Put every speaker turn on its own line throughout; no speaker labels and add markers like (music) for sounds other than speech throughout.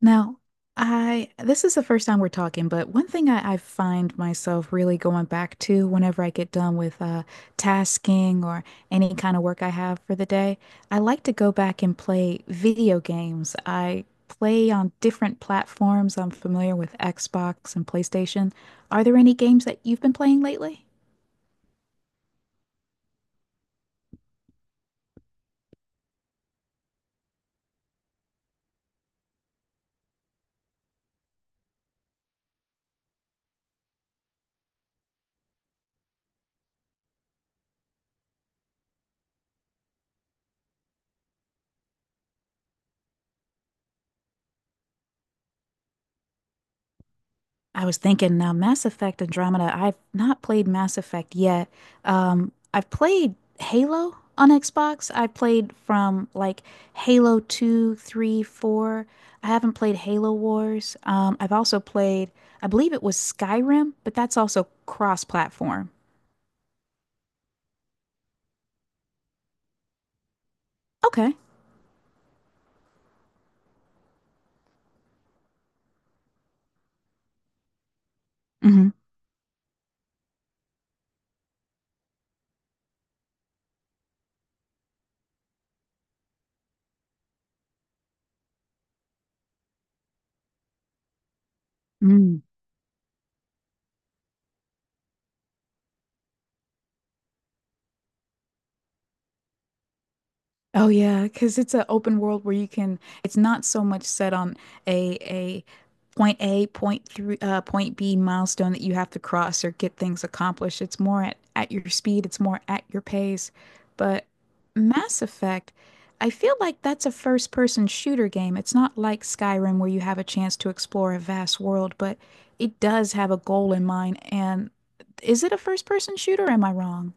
Now, I this is the first time we're talking, but one thing I find myself really going back to whenever I get done with tasking or any kind of work I have for the day. I like to go back and play video games. I play on different platforms. I'm familiar with Xbox and PlayStation. Are there any games that you've been playing lately? I was thinking now, Mass Effect Andromeda. I've not played Mass Effect yet. I've played Halo on Xbox. I played from like Halo 2, 3, 4. I haven't played Halo Wars. I've also played, I believe it was Skyrim, but that's also cross-platform. Okay. Mm-hmm. Mm-hmm. Oh yeah, because it's an open world where you can. It's not so much set on a point A, point three, point B milestone that you have to cross or get things accomplished. It's more at your speed. It's more at your pace. But Mass Effect, I feel like that's a first person shooter game. It's not like Skyrim where you have a chance to explore a vast world, but it does have a goal in mind. And is it a first person shooter? Or am I wrong?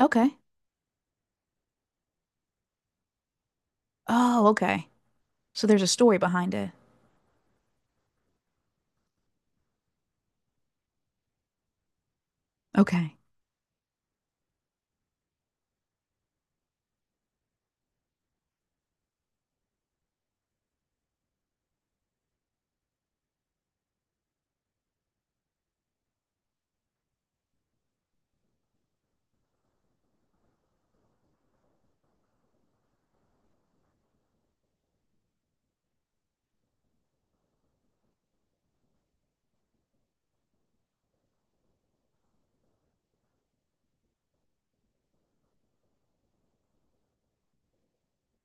Okay. Oh, okay. So there's a story behind it. Okay.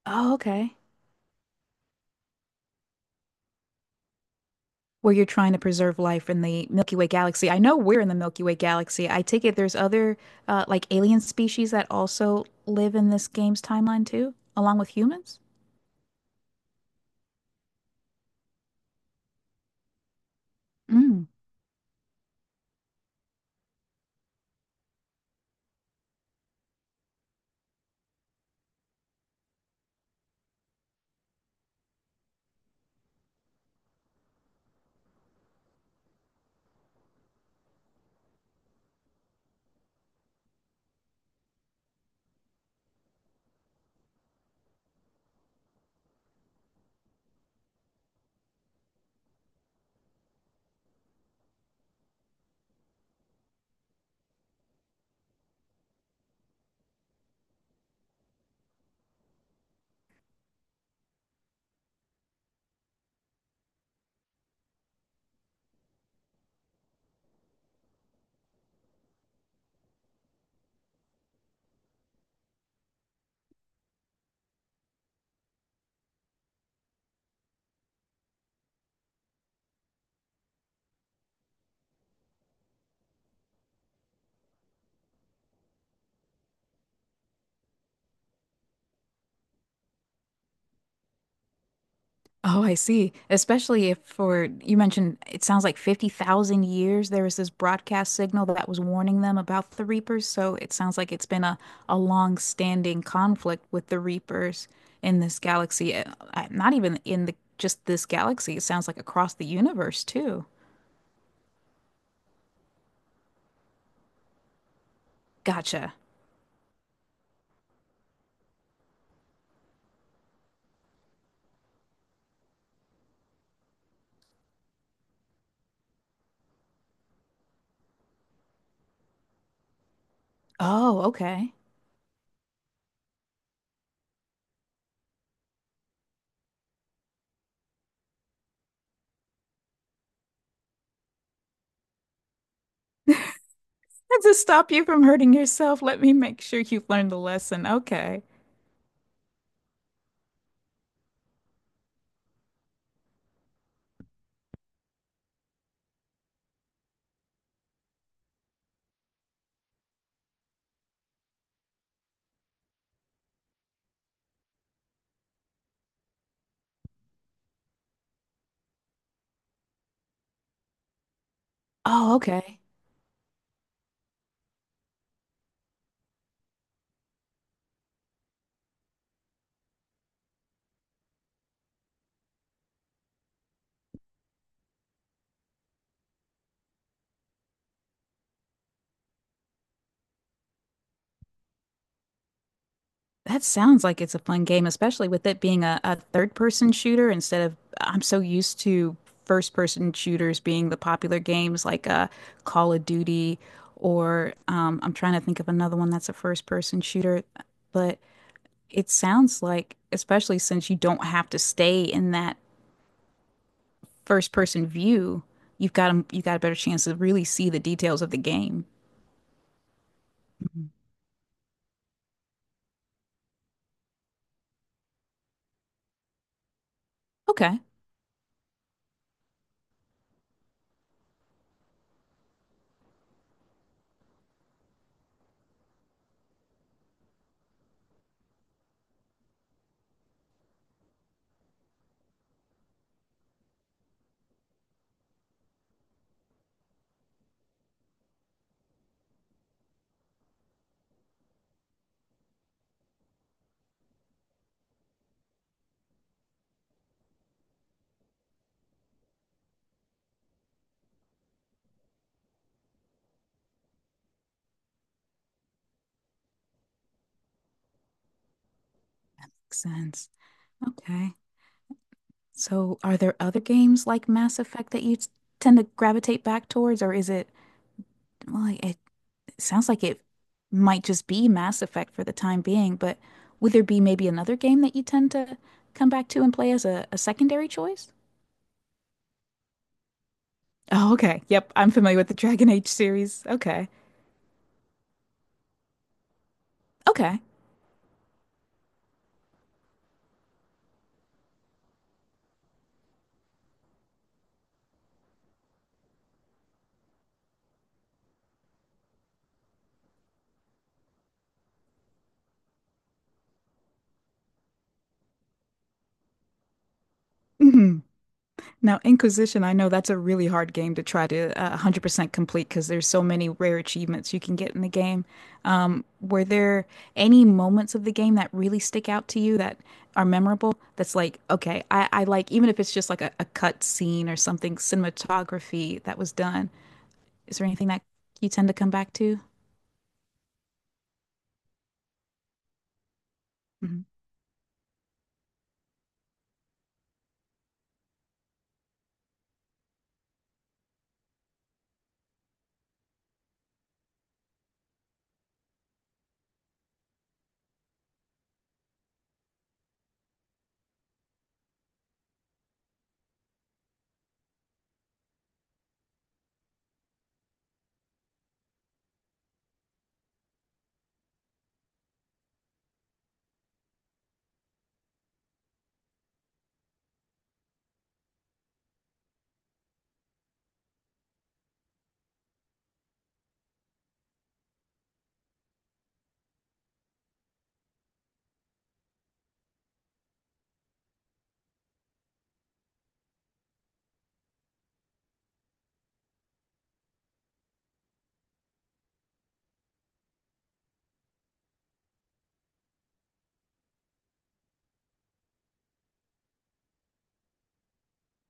Oh, okay. Where you're trying to preserve life in the Milky Way galaxy. I know we're in the Milky Way galaxy. I take it there's other like alien species that also live in this game's timeline too, along with humans? Mm. Oh, I see. Especially if for you mentioned it sounds like 50,000 years there was this broadcast signal that was warning them about the Reapers, so it sounds like it's been a long-standing conflict with the Reapers in this galaxy. Not even in the just this galaxy. It sounds like across the universe too. Gotcha. Oh, okay. (laughs) to stop you from hurting yourself, let me make sure you've learned the lesson. Okay. Oh, okay. That sounds like it's a fun game, especially with it being a third person shooter instead of I'm so used to first person shooters being the popular games like Call of Duty or I'm trying to think of another one that's a first person shooter. But it sounds like, especially since you don't have to stay in that first person view, you got a better chance to really see the details of the game. Okay, that makes sense. Okay. So, are there other games like Mass Effect that you tend to gravitate back towards, or is it, well, it sounds like it might just be Mass Effect for the time being, but would there be maybe another game that you tend to come back to and play as a secondary choice? Oh, okay. Yep, I'm familiar with the Dragon Age series. Okay. Okay. Mhm. Now, Inquisition, I know that's a really hard game to try to 100% complete because there's so many rare achievements you can get in the game. Were there any moments of the game that really stick out to you that are memorable? That's like, okay, even if it's just like a cut scene or something, cinematography that was done. Is there anything that you tend to come back to?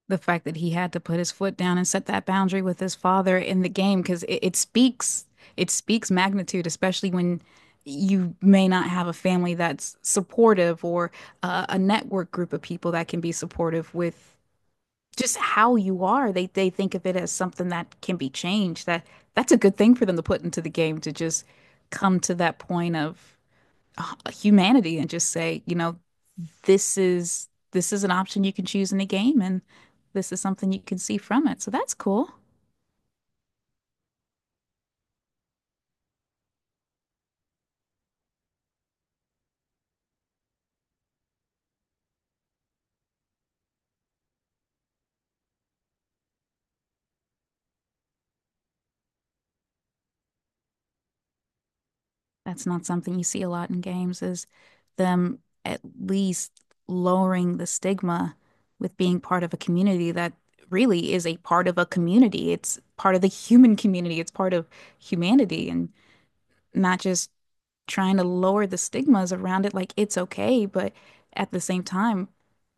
The fact that he had to put his foot down and set that boundary with his father in the game because it, it speaks magnitude, especially when you may not have a family that's supportive or a network group of people that can be supportive with just how you are. They think of it as something that can be changed. That that's a good thing for them to put into the game, to just come to that point of humanity and just say, this is an option you can choose in the game, and this is something you can see from it. So that's cool. That's not something you see a lot in games, is them at least lowering the stigma with being part of a community that really is a part of a community. It's part of the human community. It's part of humanity and not just trying to lower the stigmas around it like it's okay, but at the same time,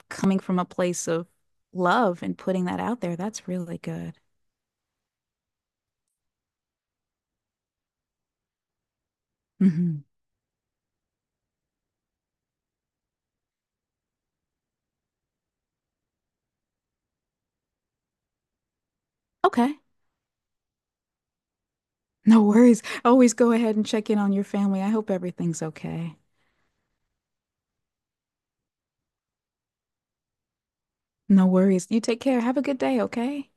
coming from a place of love and putting that out there, that's really good. Hmm. Okay. No worries. Always go ahead and check in on your family. I hope everything's okay. No worries. You take care. Have a good day, okay?